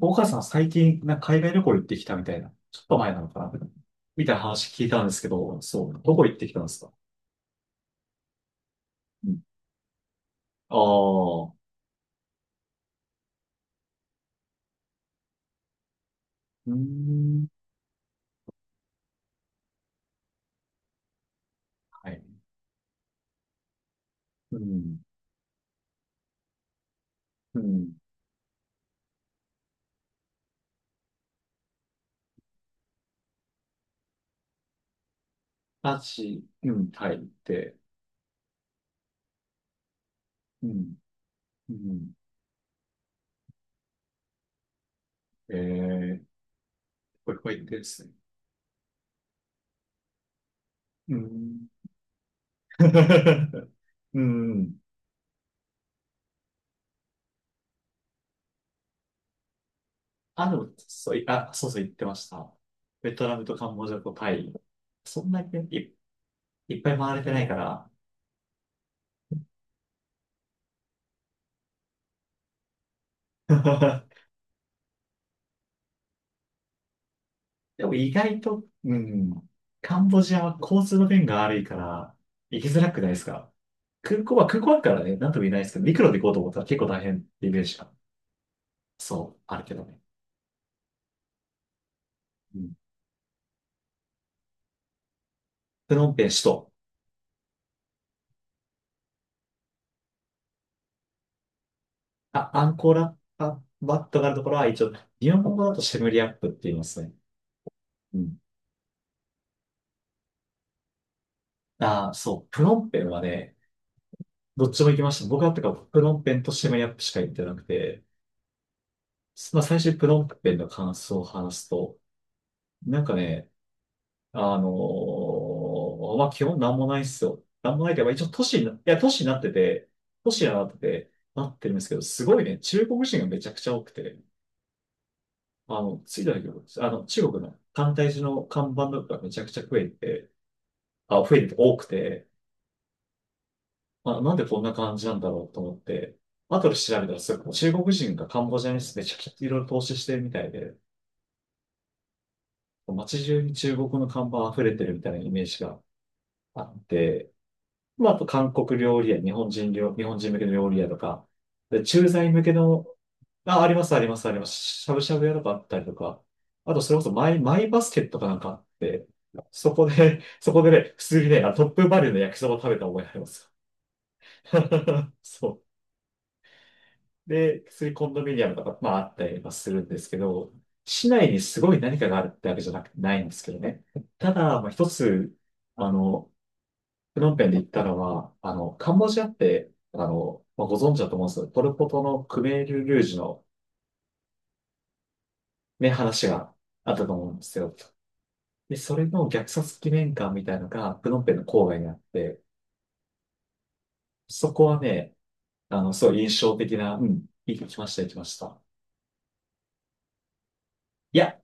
岡さん最近、なんか海外旅行行ってきたみたいな。ちょっと前なのかなみたいな話聞いたんですけど、そう、どこ行ってきたんですか？うんああ、うーん、はい。うん、うん。ラチ、うん、タイ行って、うん、うん。ええこれ、これ行ってですね。うん。うん。あ、でも、そうそう、行ってました。ベトナムとカンボジアとタイ。そんなにい、いっぱい回れてないから。でも意外と、カンボジアは交通の便が悪いから、行きづらくないですか？空港は、空港あるからね、なんとも言えないですけど、陸路で行こうと思ったら結構大変ってイメージが、そう、あるけどね。うん。プノンペン首都。あ、アンコーラ、あ、バットがあるところは一応、日本語だとシェムリアップって言いますね。うん。ああそう、プノンペンはね、どっちも行きました。僕はプノンペンとシェムリアップしか行ってなくて、まあ最初にプノンペンの感想を話すと、なんかね、まあ、基本なんもないっすよ。なんもないけど、まあ一応都市になってて、なってるんですけど、すごいね、中国人がめちゃくちゃ多くて、あの、ついた時、あの、中国の簡体字の看板とかがめちゃくちゃ増えて、多くて、まあ、なんでこんな感じなんだろうと思って、後で調べたらすごい、中国人がカンボジアにめちゃくちゃいろいろ投資してるみたいで、街中に中国の看板溢れてるみたいなイメージがあって、まあ、あと韓国料理屋、日本人向けの料理屋とか、で駐在向けの、あ、あります、あります、あります。しゃぶしゃぶ屋とかあったりとか、あと、それこそマイバスケットかなんかあって、そこで、そこでね、普通にね、あトップバリューの焼きそば食べた覚えありますよ。そう。で、普通にコンドミニアムとか、まあ、あったりはするんですけど、市内にすごい何かがあるってわけじゃなく、ないんですけどね。ただ、まあ、一つ、あの、プノンペンで行ったのは、あの、カンボジアって、あの、まあ、ご存知だと思うんですけど、ポルポトのクメール・ルージュのね、話があったと思うんですよ。で、それの虐殺記念館みたいのが、プノンペンの郊外にあって、そこはね、あの、すごい印象的な、うん、行きました、行きました。いや、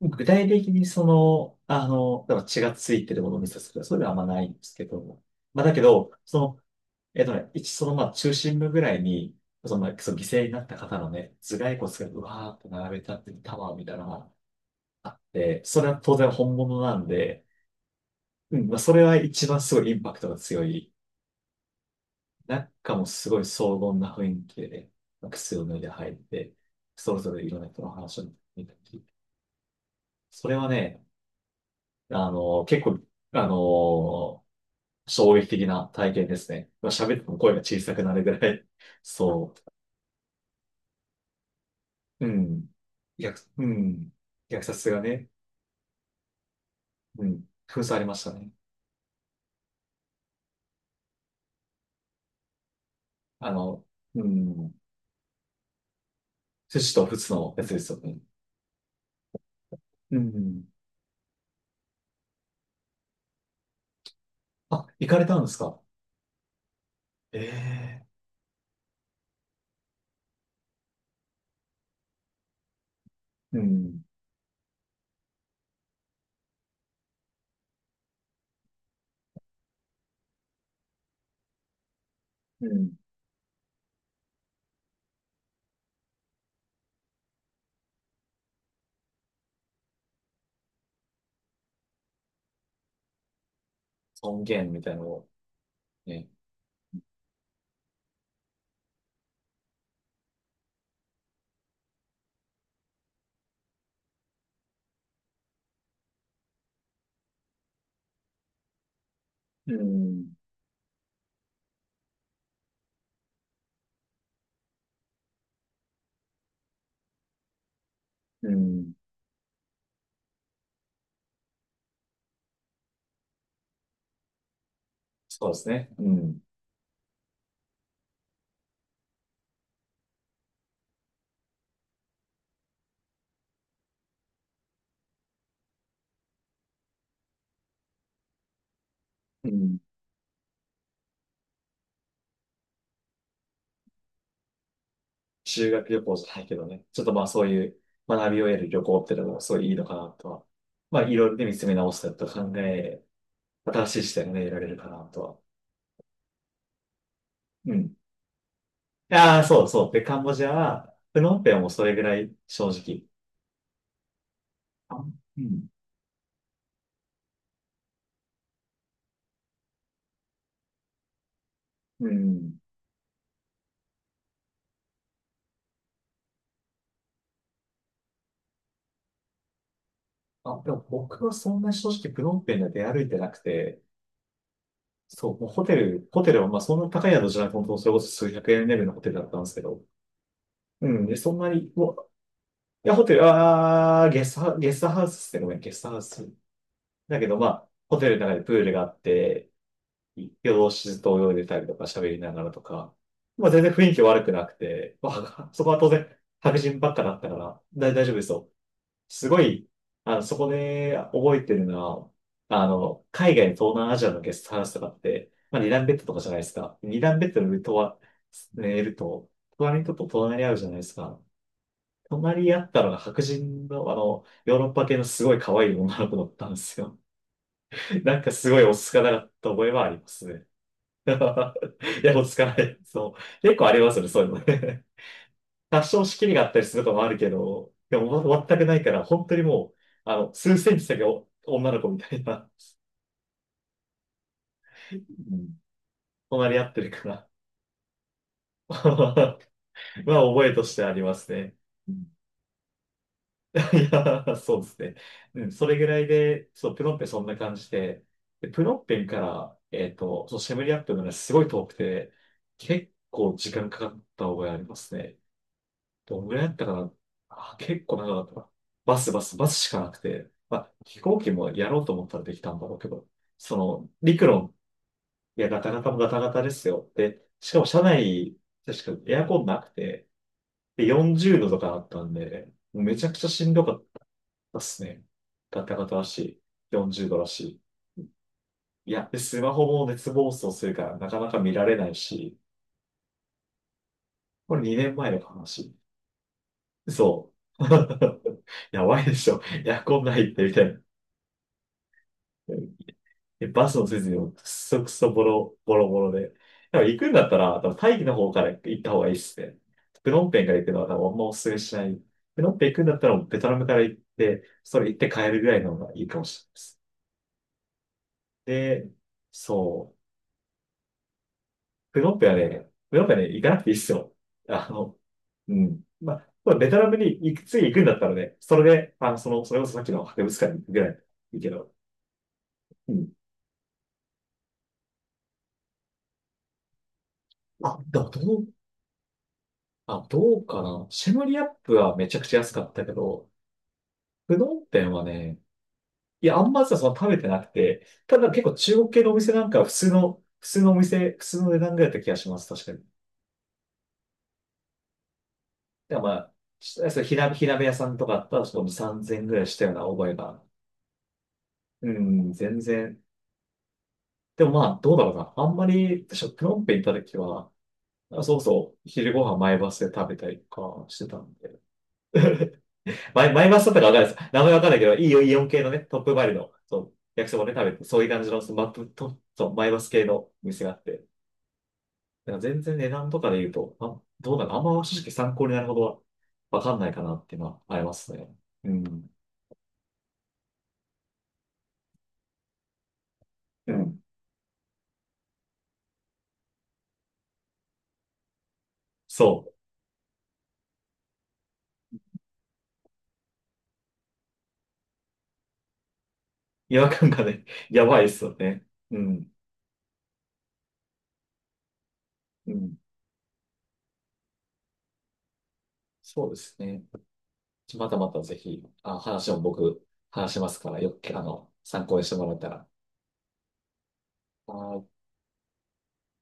具体的にその、あの、だから血がついてるものを見させるとか、そういうのはあんまないんですけど、まあだけど、その、そのまあ中心部ぐらいに、その、まあその犠牲になった方のね、頭蓋骨がうわーって並べたってるタワーみたいなのがあって、それは当然本物なんで、うん、まあそれは一番すごいインパクトが強い。中もすごい荘厳な雰囲気でね、まあ靴を脱いで入って、それぞれいろんな人の話を見たり、それはね、あの、結構、あの、衝撃的な体験ですね。まあ喋っても声が小さくなるぐらい、そう。うん。うん。虐殺がね、うん。封鎖ありましたね。あの、うん。寿司と仏のやつですよね。うん。あ、行かれたんですか？ええうん。うん。尊厳みたいなのをね。うん。うん。そうですね。うん。うん。修学旅行じゃないけどね。ちょっとまあそういう学びを得る旅行ってのもすごいいいのかなとは。まあいろいろね見つめ直したりとか考え、新しい視点がね、得られるかなとは。うん。ああ、そうそう。で、カンボジアは、プノンペンもそれぐらい正直。あ、うん。うん。あ、でも僕はそんな正直プノンペンで出歩いてなくて、そう、もうホテル、ホテルはまあそんな高い宿じゃなくて、本当それこそ数百円レベルのホテルだったんですけど。うん。で、そんなに、うわホテル、ゲストハウスですね。ごめん、ゲストハウス。だけどまあ、ホテルの中でプールがあって、夜通しずっと泳いでたりとか喋りながらとか、まあ全然雰囲気悪くなくて、まあ、そこは当然白人ばっかだったから、大丈夫ですよ。すごい、あの、そこで覚えてるのは、あの、海外の東南アジアのゲストハウスとかって、まあ二段ベッドとかじゃないですか。二段ベッドの上とは、寝ると、隣の人と隣り合うじゃないですか。隣り合ったのが白人の、あの、ヨーロッパ系のすごい可愛い女の子だったんですよ。なんかすごい落ち着かなかった覚えはありますね。いや、落ち着かない。そう。結構ありますよね、そういうのね。多少仕切りがあったりすることもあるけど、でもま全くないから、本当にもう、あの、数センチ先お女の子みたいな、うん隣り合ってるから、まあ、覚えとしてありますね。うん いや、そうですね。うん、それぐらいで、そう、プノンペンそんな感じで、で、プノンペンから、えっと、そう、シェムリアップのね、すごい遠くて、結構時間かかった覚えありますね。どんぐらいだったかな。あ、結構長かったな。バスしかなくて。まあ、飛行機もやろうと思ったらできたんだろうけど、その、陸路、いや、ガタガタもガタガタですよ。で、しかも車内、確かエアコンなくて、で、40度とかあったんで、もうめちゃくちゃしんどかったっすね。ガタガタだし、40度だし。いや、で、スマホも熱暴走するから、なかなか見られないし、これ2年前の話。そう。やばいでしょ。エアコンないって、みたいな。で、バスもせずに、くそくそボロボロで。だから行くんだったら、多分タイの方から行った方がいいっすね。プノンペンから行くのは多分あんまおすすめしない。プノンペン行くんだったら、ベトナムから行って、それ行って帰るぐらいの方がいいかもしれないです。で、そう。プノンペンはね、プノンペンはね、行かなくていいっすよ。あの、うん。まあ、これベトナムに行く、次行くんだったらね、それで、あの、その、それこそさっきの博物館に行くぐらいいいけど。うん。あ、でもどう、あ、どうかな。シェムリアップはめちゃくちゃ安かったけど、プノンペンはね、いや、あんまさ、その食べてなくて、ただ結構中国系のお店なんかは普通の、普通のお店、普通の値段ぐらいだった気がします、確かに。でもまあ、しそう火鍋屋さんとかあったら、ちょっと3000円ぐらいしたような覚えが。うん、全然。でもまあ、どうだろうな。あんまり、私はプノンペン行った時は、あそうそう、昼ご飯前バスで食べたりとかしてたんで。マイマスだったかわかんないです。名前わかんないけど、いいよ、イオン系のね、トップバリュの、そう、焼きそばね、食べて、そういう感じの、そのマップと、そう、マイマス系の店があって、だから全然値段とかで言うと、あ、どうなのあんま正直参考になるほどはわかんないかなっていうのはありますね。うん。うん。そう。違和感がね、やばいですよね。うん。うん。そうですね。またまたぜひ、あ、話も僕、話しますから、よく、あの、参考にしてもらえたら。あー